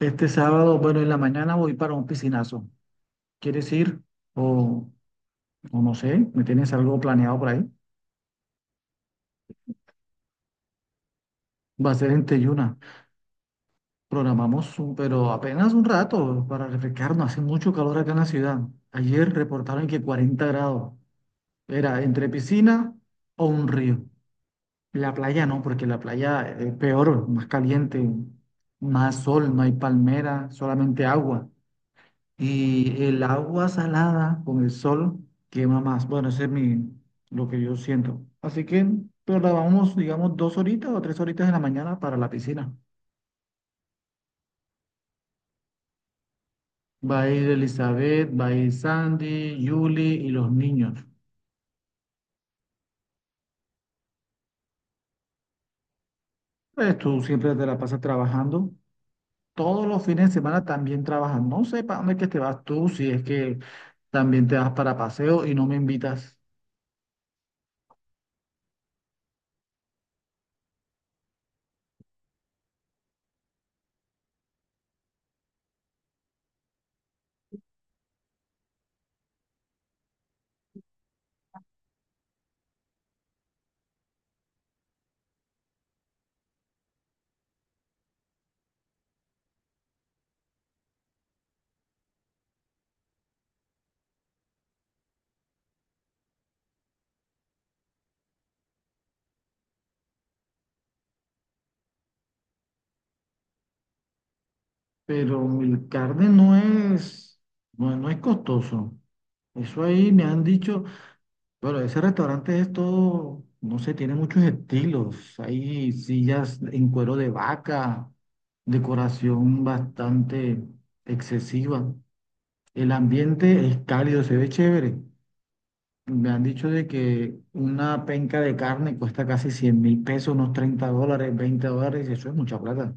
Este sábado, bueno, en la mañana voy para un piscinazo. ¿Quieres ir? O, o no sé, ¿me tienes algo planeado por ahí? Va a ser en Teyuna. Programamos, pero apenas un rato para refrescarnos. Hace mucho calor acá en la ciudad. Ayer reportaron que 40 grados. Era entre piscina o un río. La playa no, porque la playa es peor, más caliente, más sol, no hay palmera, solamente agua. Y el agua salada con el sol quema más. Bueno, lo que yo siento. Así que, pero la vamos, digamos, 2 horitas o 3 horitas en la mañana para la piscina. Va a ir Elizabeth, va a ir Sandy, Julie y los niños. Pues tú siempre te la pasas trabajando. Todos los fines de semana también trabajas. No sé para dónde es que te vas tú, si es que también te vas para paseo y no me invitas. Pero el carne no es, no, no es costoso. Eso ahí me han dicho, bueno, ese restaurante es todo, no sé, tiene muchos estilos. Hay sillas en cuero de vaca, decoración bastante excesiva. El ambiente es cálido, se ve chévere. Me han dicho de que una penca de carne cuesta casi 100.000 pesos, unos 30 dólares, 20 dólares, y eso es mucha plata.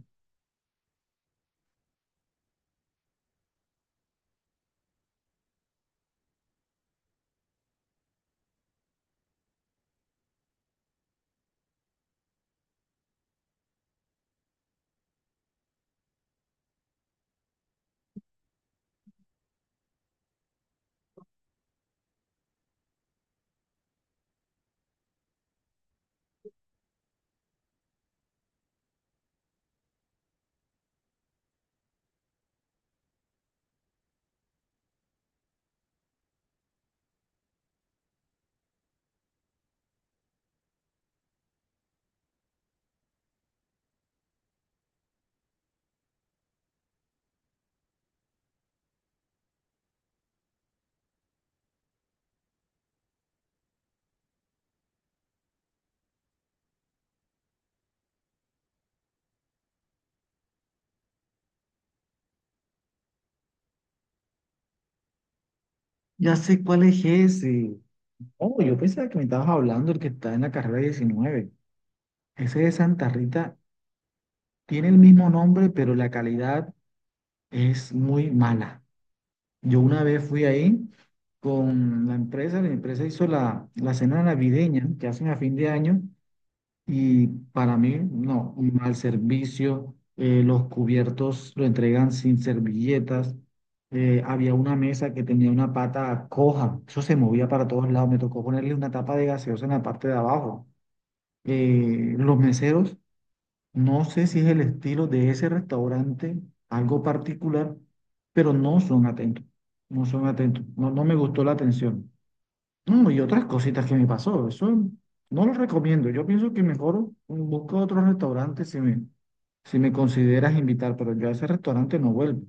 Ya sé cuál es ese. Oh, yo pensaba que me estabas hablando el que está en la carrera 19. Ese de Santa Rita tiene el mismo nombre, pero la calidad es muy mala. Yo una vez fui ahí con la empresa hizo la cena navideña que hacen a fin de año. Y para mí, no, un mal servicio. Los cubiertos lo entregan sin servilletas. Había una mesa que tenía una pata coja, eso se movía para todos lados, me tocó ponerle una tapa de gaseosa en la parte de abajo. Los meseros, no sé si es el estilo de ese restaurante, algo particular, pero no son atentos, no son atentos, no, no me gustó la atención. No, y otras cositas que me pasó, eso no lo recomiendo. Yo pienso que mejor busco otro restaurante si me consideras invitar, pero yo a ese restaurante no vuelvo.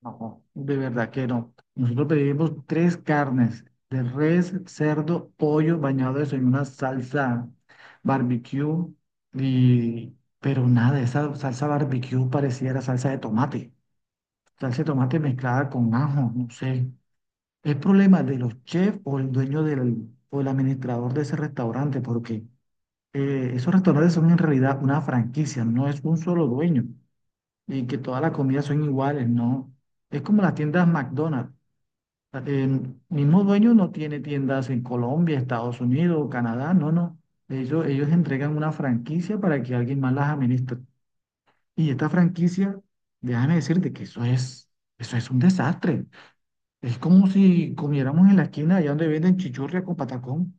No, de verdad que no. Nosotros pedimos tres carnes de res, cerdo, pollo bañados en una salsa barbecue y pero nada, esa salsa barbecue pareciera salsa de tomate mezclada con ajo, no sé. Es problema de los chefs o el administrador de ese restaurante porque esos restaurantes son en realidad una franquicia, no es un solo dueño y que todas las comidas son iguales, no. Es como las tiendas McDonald's. El mismo dueño no tiene tiendas en Colombia, Estados Unidos, Canadá, no, no. Ellos entregan una franquicia para que alguien más las administre. Y esta franquicia, déjame decirte eso es un desastre. Es como si comiéramos en la esquina allá donde venden chichurria con patacón.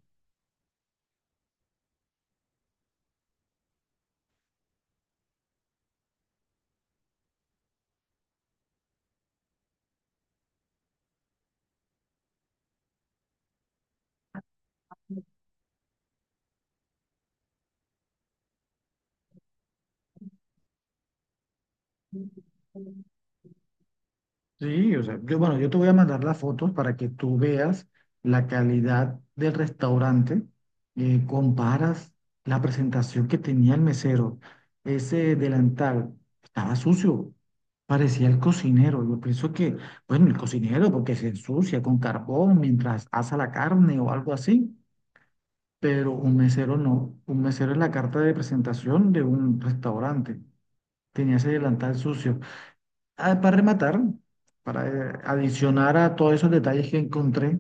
Sí, o sea, yo, bueno, yo te voy a mandar las fotos para que tú veas la calidad del restaurante, comparas la presentación que tenía el mesero, ese delantal, estaba sucio, parecía el cocinero, yo pienso que, bueno, el cocinero porque se ensucia con carbón mientras asa la carne o algo así, pero un mesero no, un mesero es la carta de presentación de un restaurante, tenía ese delantal sucio. Ah, para rematar, para adicionar a todos esos detalles que encontré,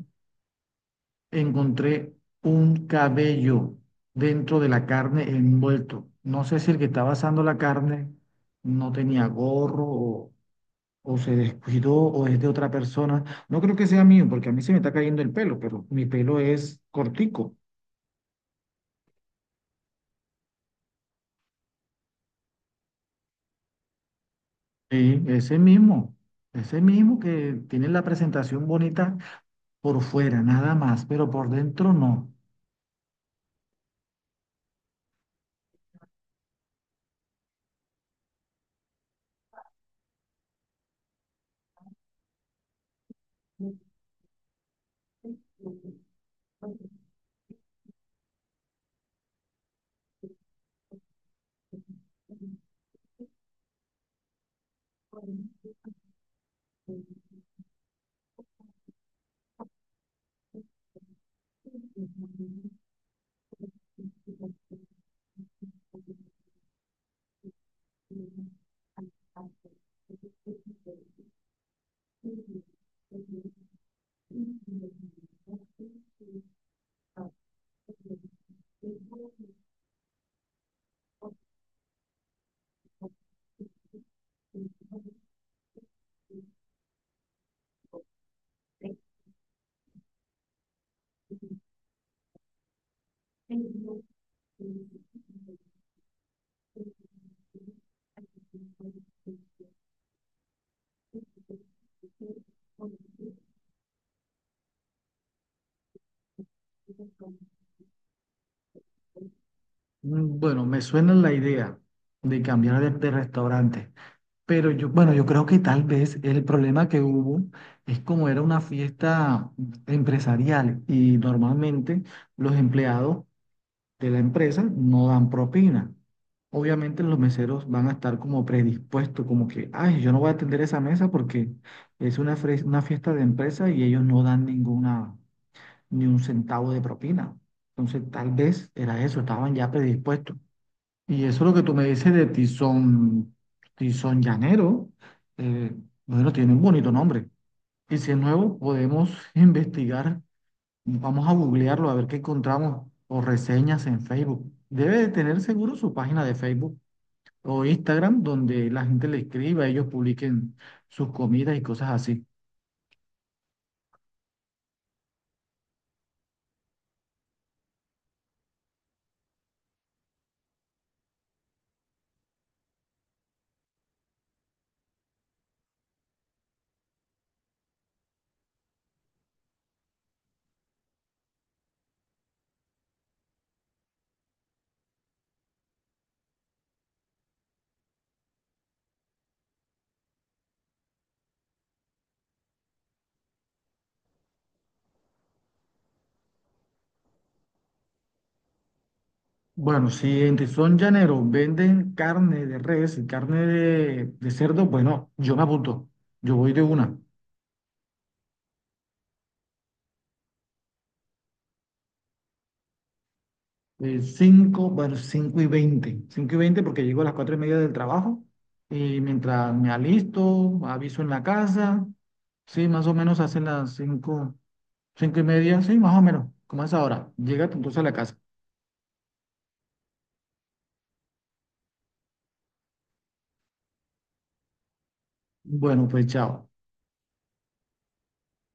encontré un cabello dentro de la carne envuelto. No sé si el que estaba asando la carne no tenía gorro o se descuidó o es de otra persona. No creo que sea mío porque a mí se me está cayendo el pelo, pero mi pelo es cortico. Sí, ese mismo que tiene la presentación bonita por fuera, nada más, pero por dentro no. Bueno, me suena la idea de cambiar de restaurante, pero yo, bueno, yo creo que tal vez el problema que hubo es como era una fiesta empresarial y normalmente los empleados de la empresa no dan propina. Obviamente los meseros van a estar como predispuestos, como que, ay, yo no voy a atender esa mesa porque es una, una fiesta de empresa y ellos no dan ninguna, ni un centavo de propina. Entonces, tal vez era eso, estaban ya predispuestos. Y eso es lo que tú me dices de Tizón Llanero. eh, bueno, tiene un bonito nombre. Y si es nuevo, podemos investigar. Vamos a googlearlo a ver qué encontramos o reseñas en Facebook. Debe de tener seguro su página de Facebook o Instagram donde la gente le escriba, ellos publiquen sus comidas y cosas así. Bueno, si en Tizón Llanero venden carne de res y carne de cerdo, bueno, yo me apunto. Yo voy de una. 5, bueno, 5:20 5:20 porque llego a las 4:30 del trabajo y mientras me alisto, aviso en la casa. Sí, más o menos hacen las 5 5:30, sí, más o menos, como es ahora. Llega entonces a la casa. Bueno, pues chao.